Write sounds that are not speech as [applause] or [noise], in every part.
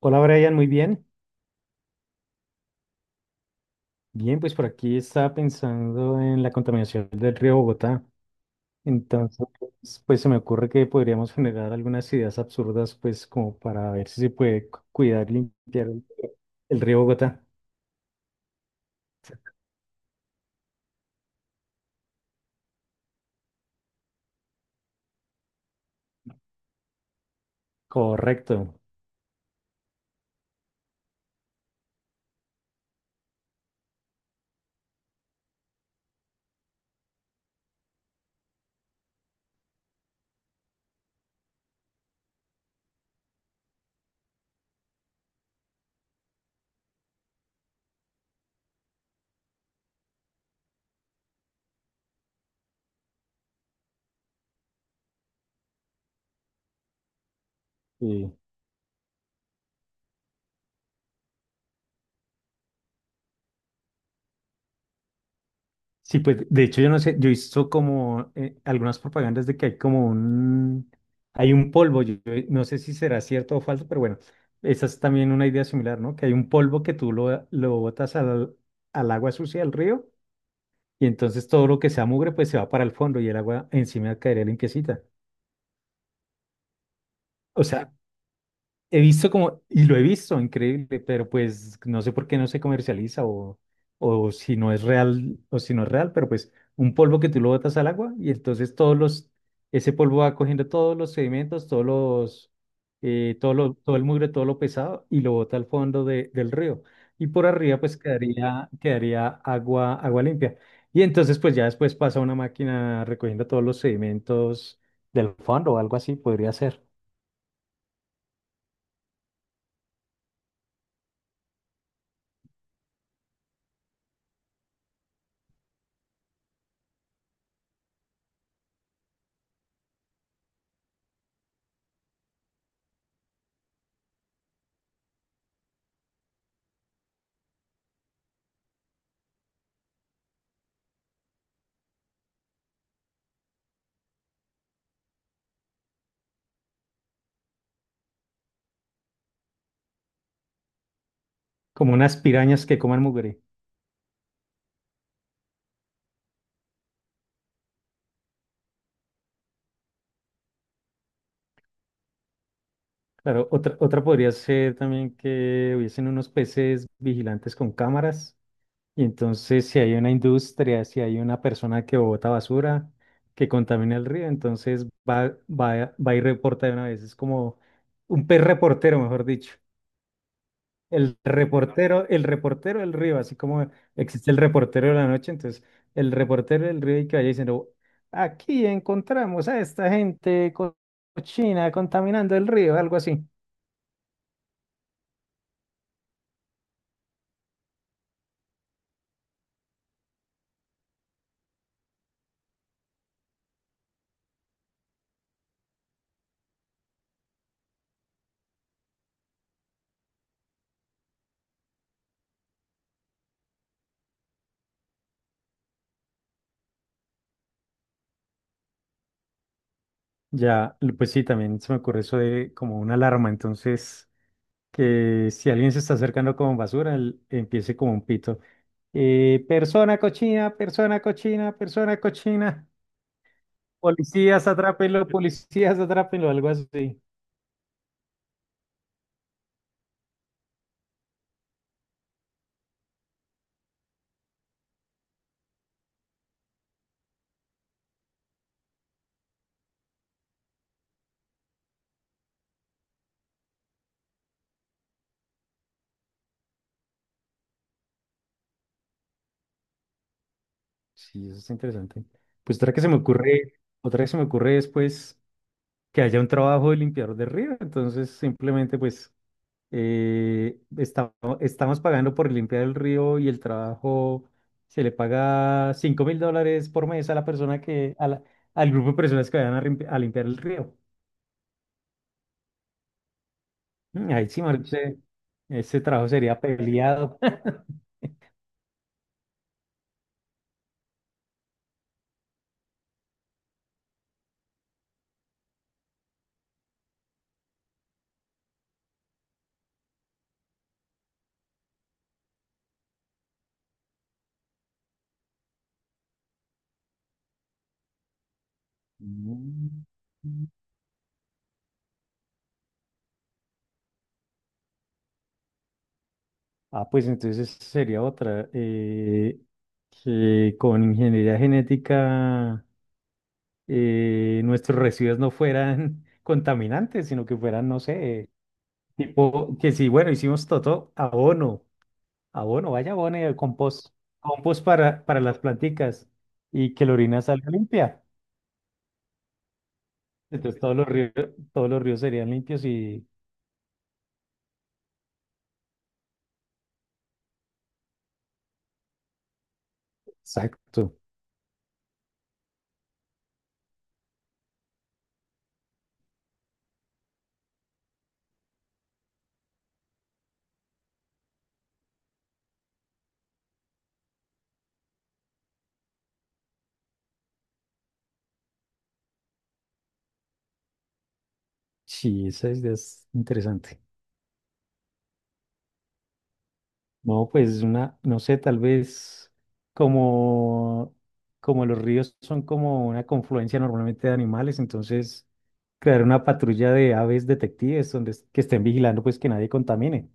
Hola Brian, muy bien. Bien, pues por aquí estaba pensando en la contaminación del río Bogotá. Entonces, pues se me ocurre que podríamos [laughs] generar algunas ideas absurdas, pues como para ver si se puede cuidar y limpiar el río Bogotá. Correcto. Sí. Sí, pues de hecho yo no sé, yo he visto como algunas propagandas de que hay como hay un polvo, yo no sé si será cierto o falso, pero bueno, esa es también una idea similar, ¿no? Que hay un polvo que tú lo botas al agua sucia del río y entonces todo lo que sea mugre pues se va para el fondo y el agua encima caería limpiecita. O sea, he visto como, y lo he visto, increíble, pero pues no sé por qué no se comercializa o si no es real, pero pues un polvo que tú lo botas al agua y entonces ese polvo va cogiendo todos los sedimentos, todo el mugre, todo lo pesado y lo bota al fondo del río. Y por arriba pues quedaría agua limpia. Y entonces pues ya después pasa una máquina recogiendo todos los sedimentos del fondo o algo así, podría ser. Como unas pirañas que coman mugre. Claro, otra podría ser también que hubiesen unos peces vigilantes con cámaras y entonces si hay una industria, si hay una persona que bota basura, que contamina el río, entonces va y reporta de una vez. Es como un pez reportero, mejor dicho. El reportero del río, así como existe el reportero de la noche, entonces el reportero del río y que vaya diciendo, aquí encontramos a esta gente cochina contaminando el río, algo así. Ya, pues sí, también se me ocurre eso de como una alarma, entonces que si alguien se está acercando con basura, empiece como un pito. Persona cochina, persona cochina, persona cochina. Policías, atrápenlo, algo así. Sí, eso está interesante. Pues otra que se me ocurre es pues que haya un trabajo de limpiador de río, entonces simplemente pues eh, esta- estamos pagando por limpiar el río y el trabajo se le paga 5.000 dólares por mes a la persona al grupo de personas que vayan a, a limpiar el río. Mm, ahí sí, marica, ese trabajo sería peleado. [laughs] Mm. Ah, pues entonces sería otra. Que con ingeniería genética nuestros residuos no fueran [laughs] contaminantes, sino que fueran, no sé. Tipo, que sí, bueno, hicimos todo vaya abono y el compost para las planticas y que la orina salga limpia. Entonces todos los ríos serían limpios y... Exacto. Sí, esa idea es interesante. No, pues una, no sé, tal vez como, como los ríos son como una confluencia normalmente de animales, entonces crear una patrulla de aves detectives que estén vigilando pues que nadie contamine.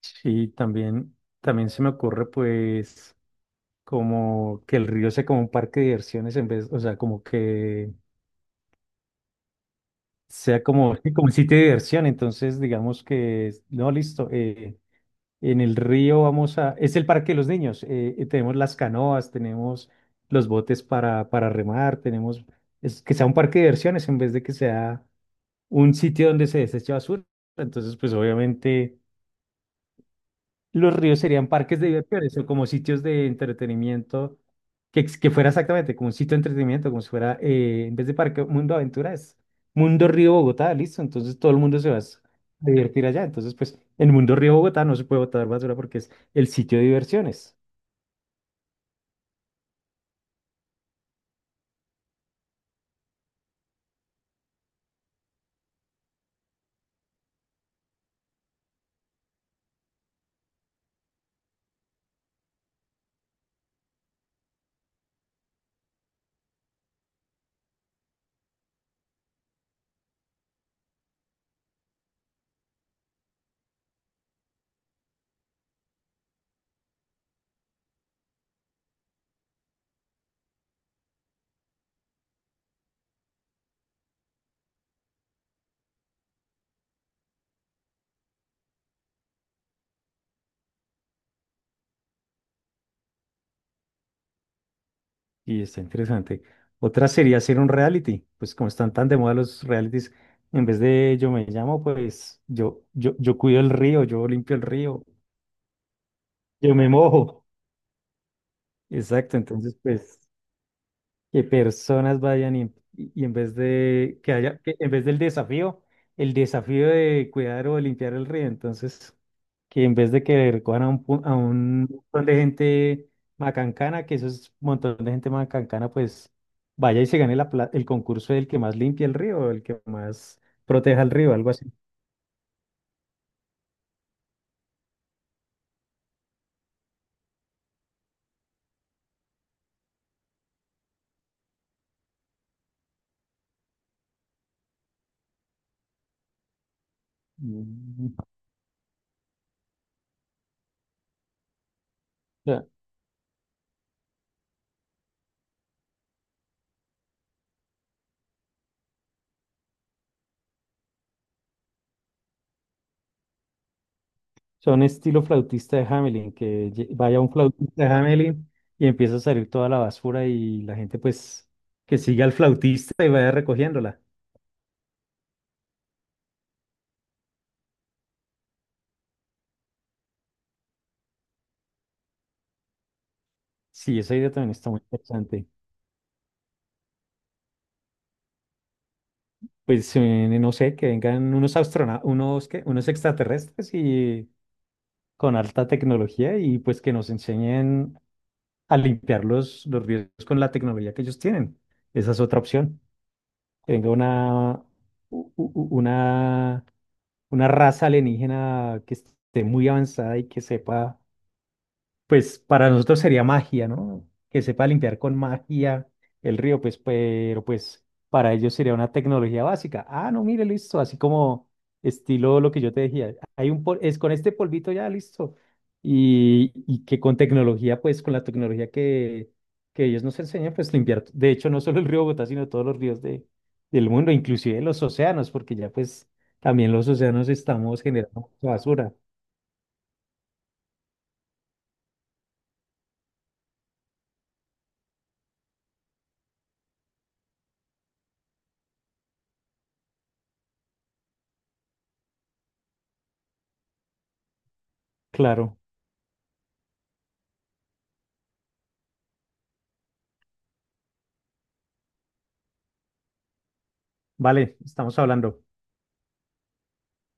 Sí, también se me ocurre pues como que el río sea como un parque de diversiones en vez, o sea, como que sea como, [laughs] sí, como un sitio de diversión. Entonces, digamos que, no, listo, en el río vamos a, es el parque de los niños, y tenemos las canoas, tenemos los botes para remar, tenemos, es que sea un parque de diversiones en vez de que sea un sitio donde se desecha basura. Entonces, pues obviamente los ríos serían parques de diversiones o como sitios de entretenimiento, que fuera exactamente como un sitio de entretenimiento, como si fuera, en vez de parque, Mundo Aventuras, Mundo Río Bogotá, listo. Entonces todo el mundo se va a a divertir allá. Entonces, pues en Mundo Río Bogotá no se puede botar basura porque es el sitio de diversiones. Y está interesante. Otra sería hacer un reality, pues como están tan de moda los realities, en vez de yo me llamo, pues yo cuido el río, yo limpio el río, yo me mojo. Exacto, entonces pues... que personas vayan y en vez de que haya, que en vez del desafío, el desafío de cuidar o de limpiar el río, entonces que en vez de que recojan a un montón de gente macancana, que eso es un montón de gente macancana, pues vaya y se gane el concurso del que más limpie el río, el que más proteja el río, algo así. Mm. Son estilo flautista de Hamelin, vaya un flautista de Hamelin y empieza a salir toda la basura y la gente pues que siga al flautista y vaya recogiéndola. Sí, esa idea también está muy interesante. Pues no sé, que vengan unos astronautas, unos, ¿qué? Unos extraterrestres y con alta tecnología y pues que nos enseñen a limpiar los ríos con la tecnología que ellos tienen. Esa es otra opción. Que venga una, u- u- u- una raza alienígena que esté muy avanzada y que sepa pues para nosotros sería magia, ¿no? Que sepa limpiar con magia el río, pues, pero pues para ellos sería una tecnología básica. Ah, no, mire, listo, así como estilo lo que yo te decía, es con este polvito ya, listo. Y que con tecnología, pues con la tecnología que ellos nos enseñan, pues limpiar, de hecho, no solo el río Bogotá, sino todos los ríos del mundo, inclusive los océanos, porque ya pues también los océanos estamos generando basura. Claro, vale, estamos hablando.